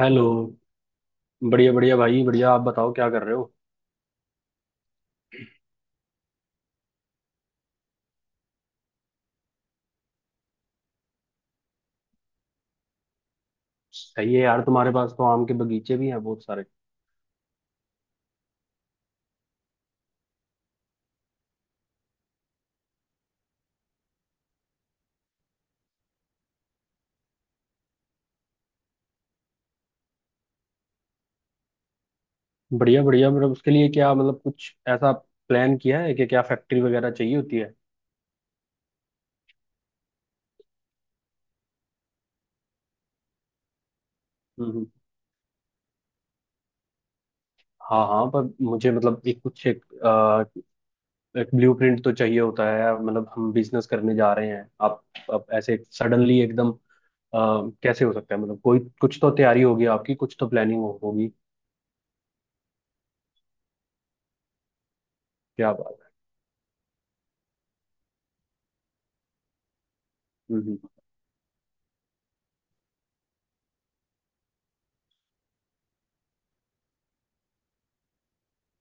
Hello. बढ़िया बढ़िया भाई बढ़िया। आप बताओ, क्या कर रहे हो? सही है यार, तुम्हारे पास तो आम के बगीचे भी हैं बहुत सारे। बढ़िया बढ़िया, मतलब उसके लिए क्या, मतलब कुछ ऐसा प्लान किया है कि क्या फैक्ट्री वगैरह चाहिए होती है? हम्म हम्म। हाँ हाँ, पर मुझे मतलब एक कुछ एक, आ, एक ब्लूप्रिंट तो चाहिए होता है, मतलब हम बिजनेस करने जा रहे हैं आप, अब ऐसे सडनली एकदम कैसे हो सकता है? मतलब कोई कुछ तो तैयारी होगी आपकी, कुछ तो प्लानिंग होगी। क्या बात है। हम्म,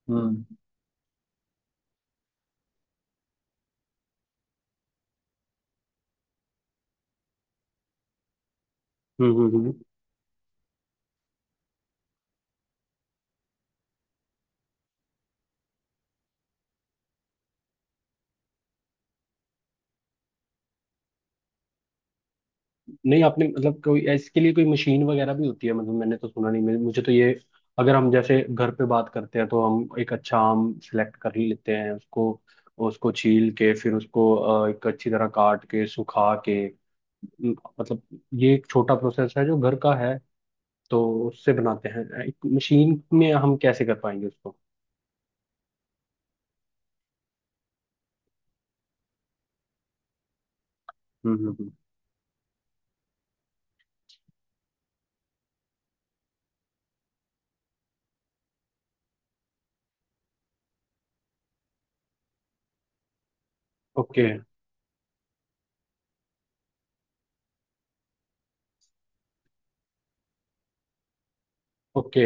हम्म, हम्म, हम्म, नहीं, आपने मतलब कोई इसके लिए कोई मशीन वगैरह भी होती है? मतलब मैंने तो सुना नहीं। मुझे तो ये, अगर हम जैसे घर पे बात करते हैं तो हम एक अच्छा आम सिलेक्ट कर ही लेते हैं उसको उसको छील के फिर उसको एक अच्छी तरह काट के सुखा के, म, मतलब ये एक छोटा प्रोसेस है जो घर का है। तो उससे बनाते हैं, एक मशीन में हम कैसे कर पाएंगे उसको? हम्म हम्म हम्म। Okay okay.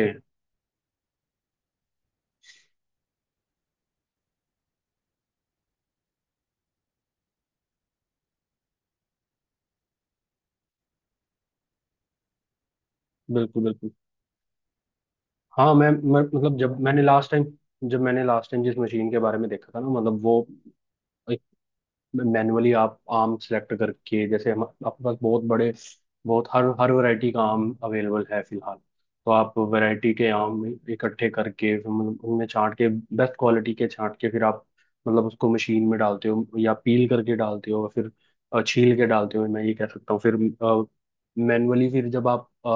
बिल्कुल बिल्कुल। हाँ, मैं मतलब जब मैंने लास्ट टाइम जिस मशीन के बारे में देखा था ना, मतलब वो एक, मैनुअली आप आम सेलेक्ट करके, जैसे हम आपके पास बहुत बड़े, बहुत हर हर वैरायटी का आम अवेलेबल है फिलहाल। तो आप वैरायटी के आम इकट्ठे करके फिर उनमें छांट के, बेस्ट क्वालिटी के छांट के फिर आप, मतलब उसको मशीन में डालते हो या पील करके डालते हो फिर? छील के डालते हो, मैं ये कह सकता हूँ। फिर मैनुअली फिर जब आप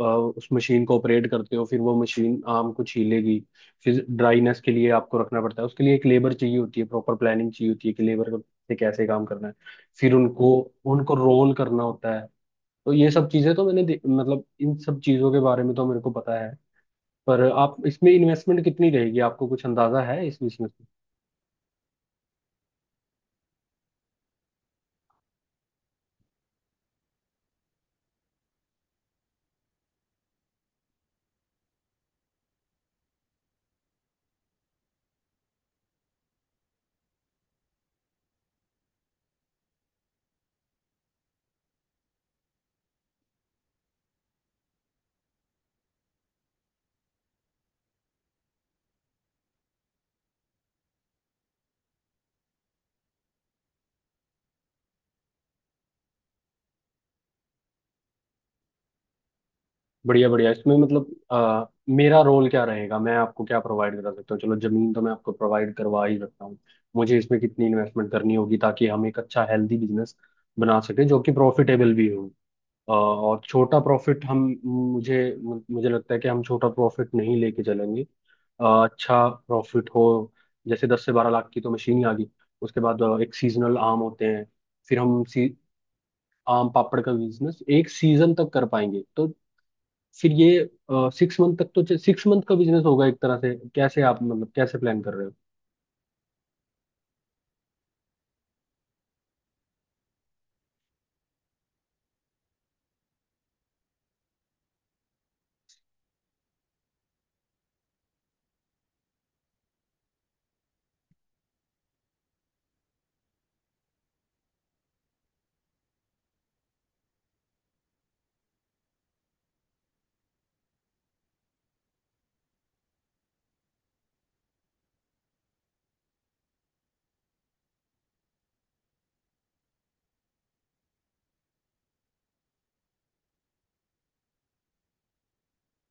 अ, उस मशीन को ऑपरेट करते हो, फिर वो मशीन आम को छीलेगी। फिर ड्राईनेस के लिए आपको रखना पड़ता है, उसके लिए एक लेबर चाहिए होती है, प्रॉपर प्लानिंग चाहिए होती है कि लेबर से कैसे काम करना है। फिर उनको उनको रोल करना होता है। तो ये सब चीजें तो मैंने मतलब इन सब चीजों के बारे में तो मेरे को पता है। पर आप इसमें इन्वेस्टमेंट कितनी रहेगी? आपको कुछ अंदाजा है इस बिजनेस में? बढ़िया बढ़िया। इसमें मतलब मेरा रोल क्या रहेगा, मैं आपको क्या प्रोवाइड करा सकता हूँ? चलो, जमीन तो मैं आपको प्रोवाइड करवा ही सकता हूँ। मुझे इसमें कितनी इन्वेस्टमेंट करनी होगी ताकि हम एक अच्छा हेल्दी बिजनेस बना सके जो कि प्रॉफिटेबल भी हो? और छोटा प्रॉफिट हम, मुझे मुझे लगता है कि हम छोटा प्रॉफिट नहीं लेके चलेंगे। अच्छा प्रॉफिट हो, जैसे 10 से 12 लाख की तो मशीन ही आ गई। उसके बाद एक सीजनल आम होते हैं। फिर हम, सी आम पापड़ का बिजनेस एक सीजन तक कर पाएंगे। तो फिर ये 6 मंथ तक, तो 6 मंथ का बिजनेस होगा एक तरह से। कैसे आप, मतलब कैसे प्लान कर रहे हो?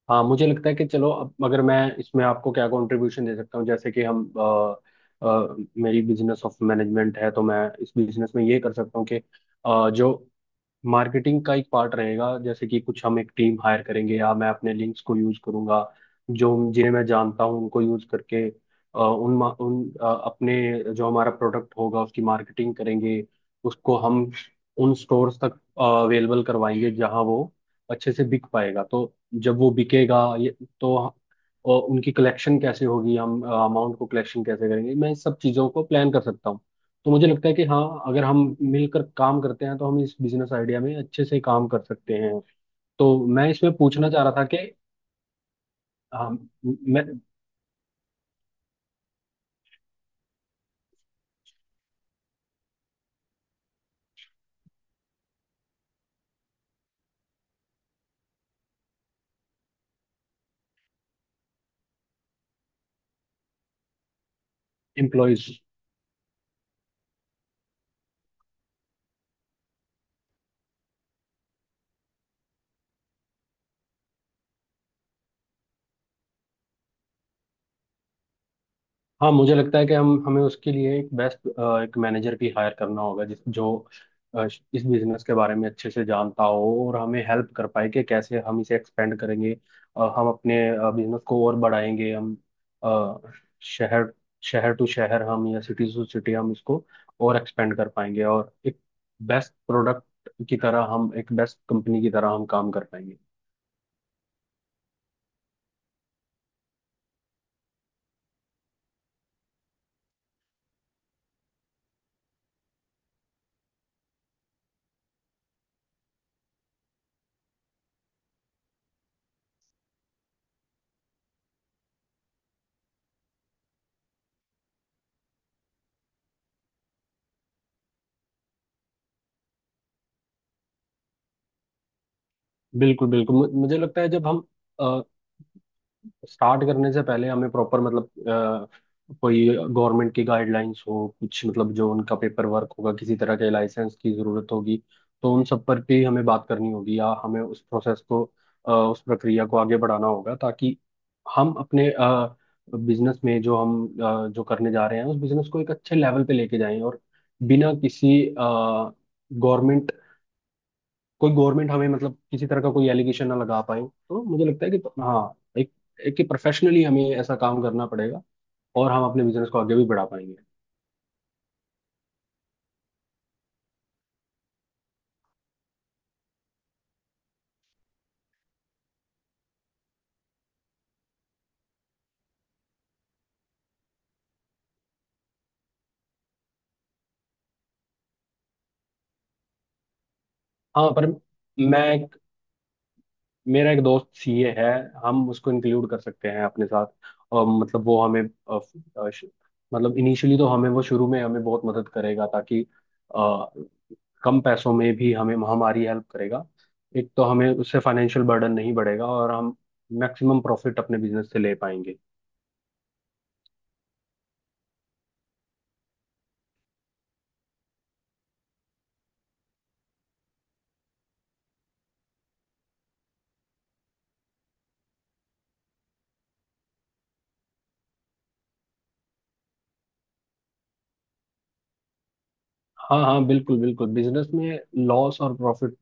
हाँ, मुझे लगता है कि चलो, अब अगर मैं इसमें आपको क्या कंट्रीब्यूशन दे सकता हूँ, जैसे कि हम अ, मेरी बिजनेस ऑफ मैनेजमेंट है, तो मैं इस बिजनेस में ये कर सकता हूँ कि जो मार्केटिंग का एक पार्ट रहेगा, जैसे कि कुछ हम एक टीम हायर करेंगे, या मैं अपने लिंक्स को यूज करूंगा, जो जिन्हें मैं जानता हूं उनको यूज करके, अ, उन मा- उन अ, अपने जो हमारा प्रोडक्ट होगा उसकी मार्केटिंग करेंगे। उसको हम उन स्टोर्स तक अवेलेबल करवाएंगे जहां वो अच्छे से बिक पाएगा। तो जब वो बिकेगा ये, तो उनकी कलेक्शन कैसे होगी, हम अमाउंट को कलेक्शन कैसे करेंगे? मैं इस सब चीज़ों को प्लान कर सकता हूँ। तो मुझे लगता है कि हाँ, अगर हम मिलकर काम करते हैं तो हम इस बिजनेस आइडिया में अच्छे से काम कर सकते हैं। तो मैं इसमें पूछना चाह रहा था कि हाँ, मैं एम्प्लॉयज। हाँ, मुझे लगता है कि हम हमें उसके लिए एक बेस्ट एक मैनेजर भी हायर करना होगा, जिस जो अ, इस बिजनेस के बारे में अच्छे से जानता हो और हमें हेल्प कर पाए कि कैसे हम इसे एक्सपेंड करेंगे। हम अपने बिजनेस को और बढ़ाएंगे। हम अ, शहर शहर टू शहर हम या सिटी टू सिटी हम इसको और एक्सपेंड कर पाएंगे, और एक बेस्ट प्रोडक्ट की तरह हम एक बेस्ट कंपनी की तरह हम काम कर पाएंगे। बिल्कुल बिल्कुल। मुझे लगता है जब हम अ, स्टार्ट करने से पहले, हमें प्रॉपर मतलब कोई गवर्नमेंट की गाइडलाइंस हो, कुछ मतलब जो उनका पेपर वर्क होगा, किसी तरह के लाइसेंस की जरूरत होगी, तो उन सब पर भी हमें बात करनी होगी, या हमें उस प्रोसेस को, उस प्रक्रिया को आगे बढ़ाना होगा, ताकि हम अपने बिजनेस में जो हम जो करने जा रहे हैं उस बिजनेस को एक अच्छे लेवल पे लेके जाएं, और बिना किसी गवर्नमेंट, कोई गवर्नमेंट हमें मतलब किसी तरह का कोई एलिगेशन ना लगा पाए। तो मुझे लगता है कि हाँ, एक एक कि प्रोफेशनली हमें ऐसा काम करना पड़ेगा, और हम अपने बिजनेस को आगे भी बढ़ा पाएंगे। हाँ, पर मैं एक, मेरा एक दोस्त सीए है। हम उसको इंक्लूड कर सकते हैं अपने साथ, और मतलब वो हमें अ, श- मतलब इनिशियली तो हमें वो शुरू में हमें बहुत मदद करेगा, ताकि अ, कम पैसों में भी हमें हमारी हेल्प करेगा। एक तो हमें उससे फाइनेंशियल बर्डन नहीं बढ़ेगा और हम मैक्सिमम प्रॉफिट अपने बिजनेस से ले पाएंगे। हाँ हाँ, बिल्कुल बिल्कुल। बिजनेस में लॉस और प्रॉफिट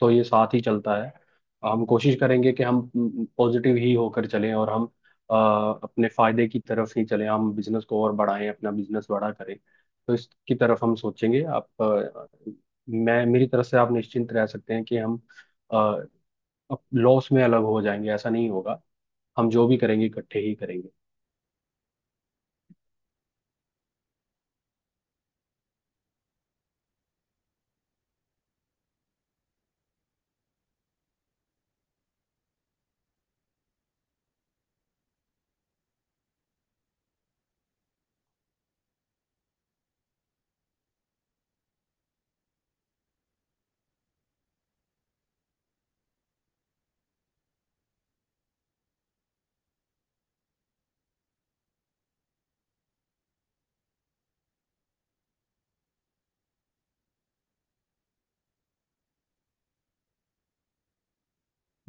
तो ये साथ ही चलता है। हम कोशिश करेंगे कि हम पॉजिटिव ही होकर चलें और हम अ, अपने फायदे की तरफ ही चलें, हम बिजनेस को और बढ़ाएं, अपना बिजनेस बड़ा करें। तो इसकी तरफ हम सोचेंगे, मैं मेरी तरफ से आप निश्चिंत रह सकते हैं कि हम लॉस में अलग हो जाएंगे, ऐसा नहीं होगा। हम जो भी करेंगे इकट्ठे ही करेंगे।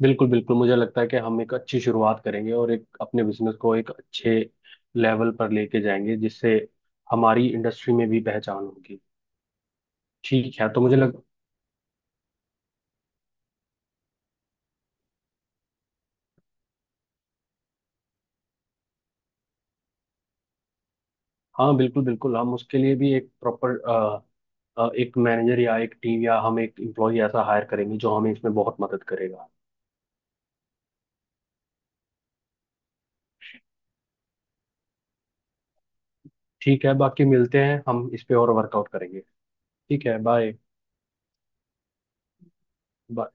बिल्कुल बिल्कुल, मुझे लगता है कि हम एक अच्छी शुरुआत करेंगे और एक अपने बिजनेस को एक अच्छे लेवल पर लेके जाएंगे, जिससे हमारी इंडस्ट्री में भी पहचान होगी। ठीक है तो मुझे लग, हाँ बिल्कुल बिल्कुल। हम उसके लिए भी एक प्रॉपर एक मैनेजर या एक टीम या हम एक एम्प्लॉय ऐसा हायर करेंगे जो हमें इसमें बहुत मदद करेगा। ठीक है, बाकी मिलते हैं, हम इस पे और वर्कआउट करेंगे। ठीक है, बाय।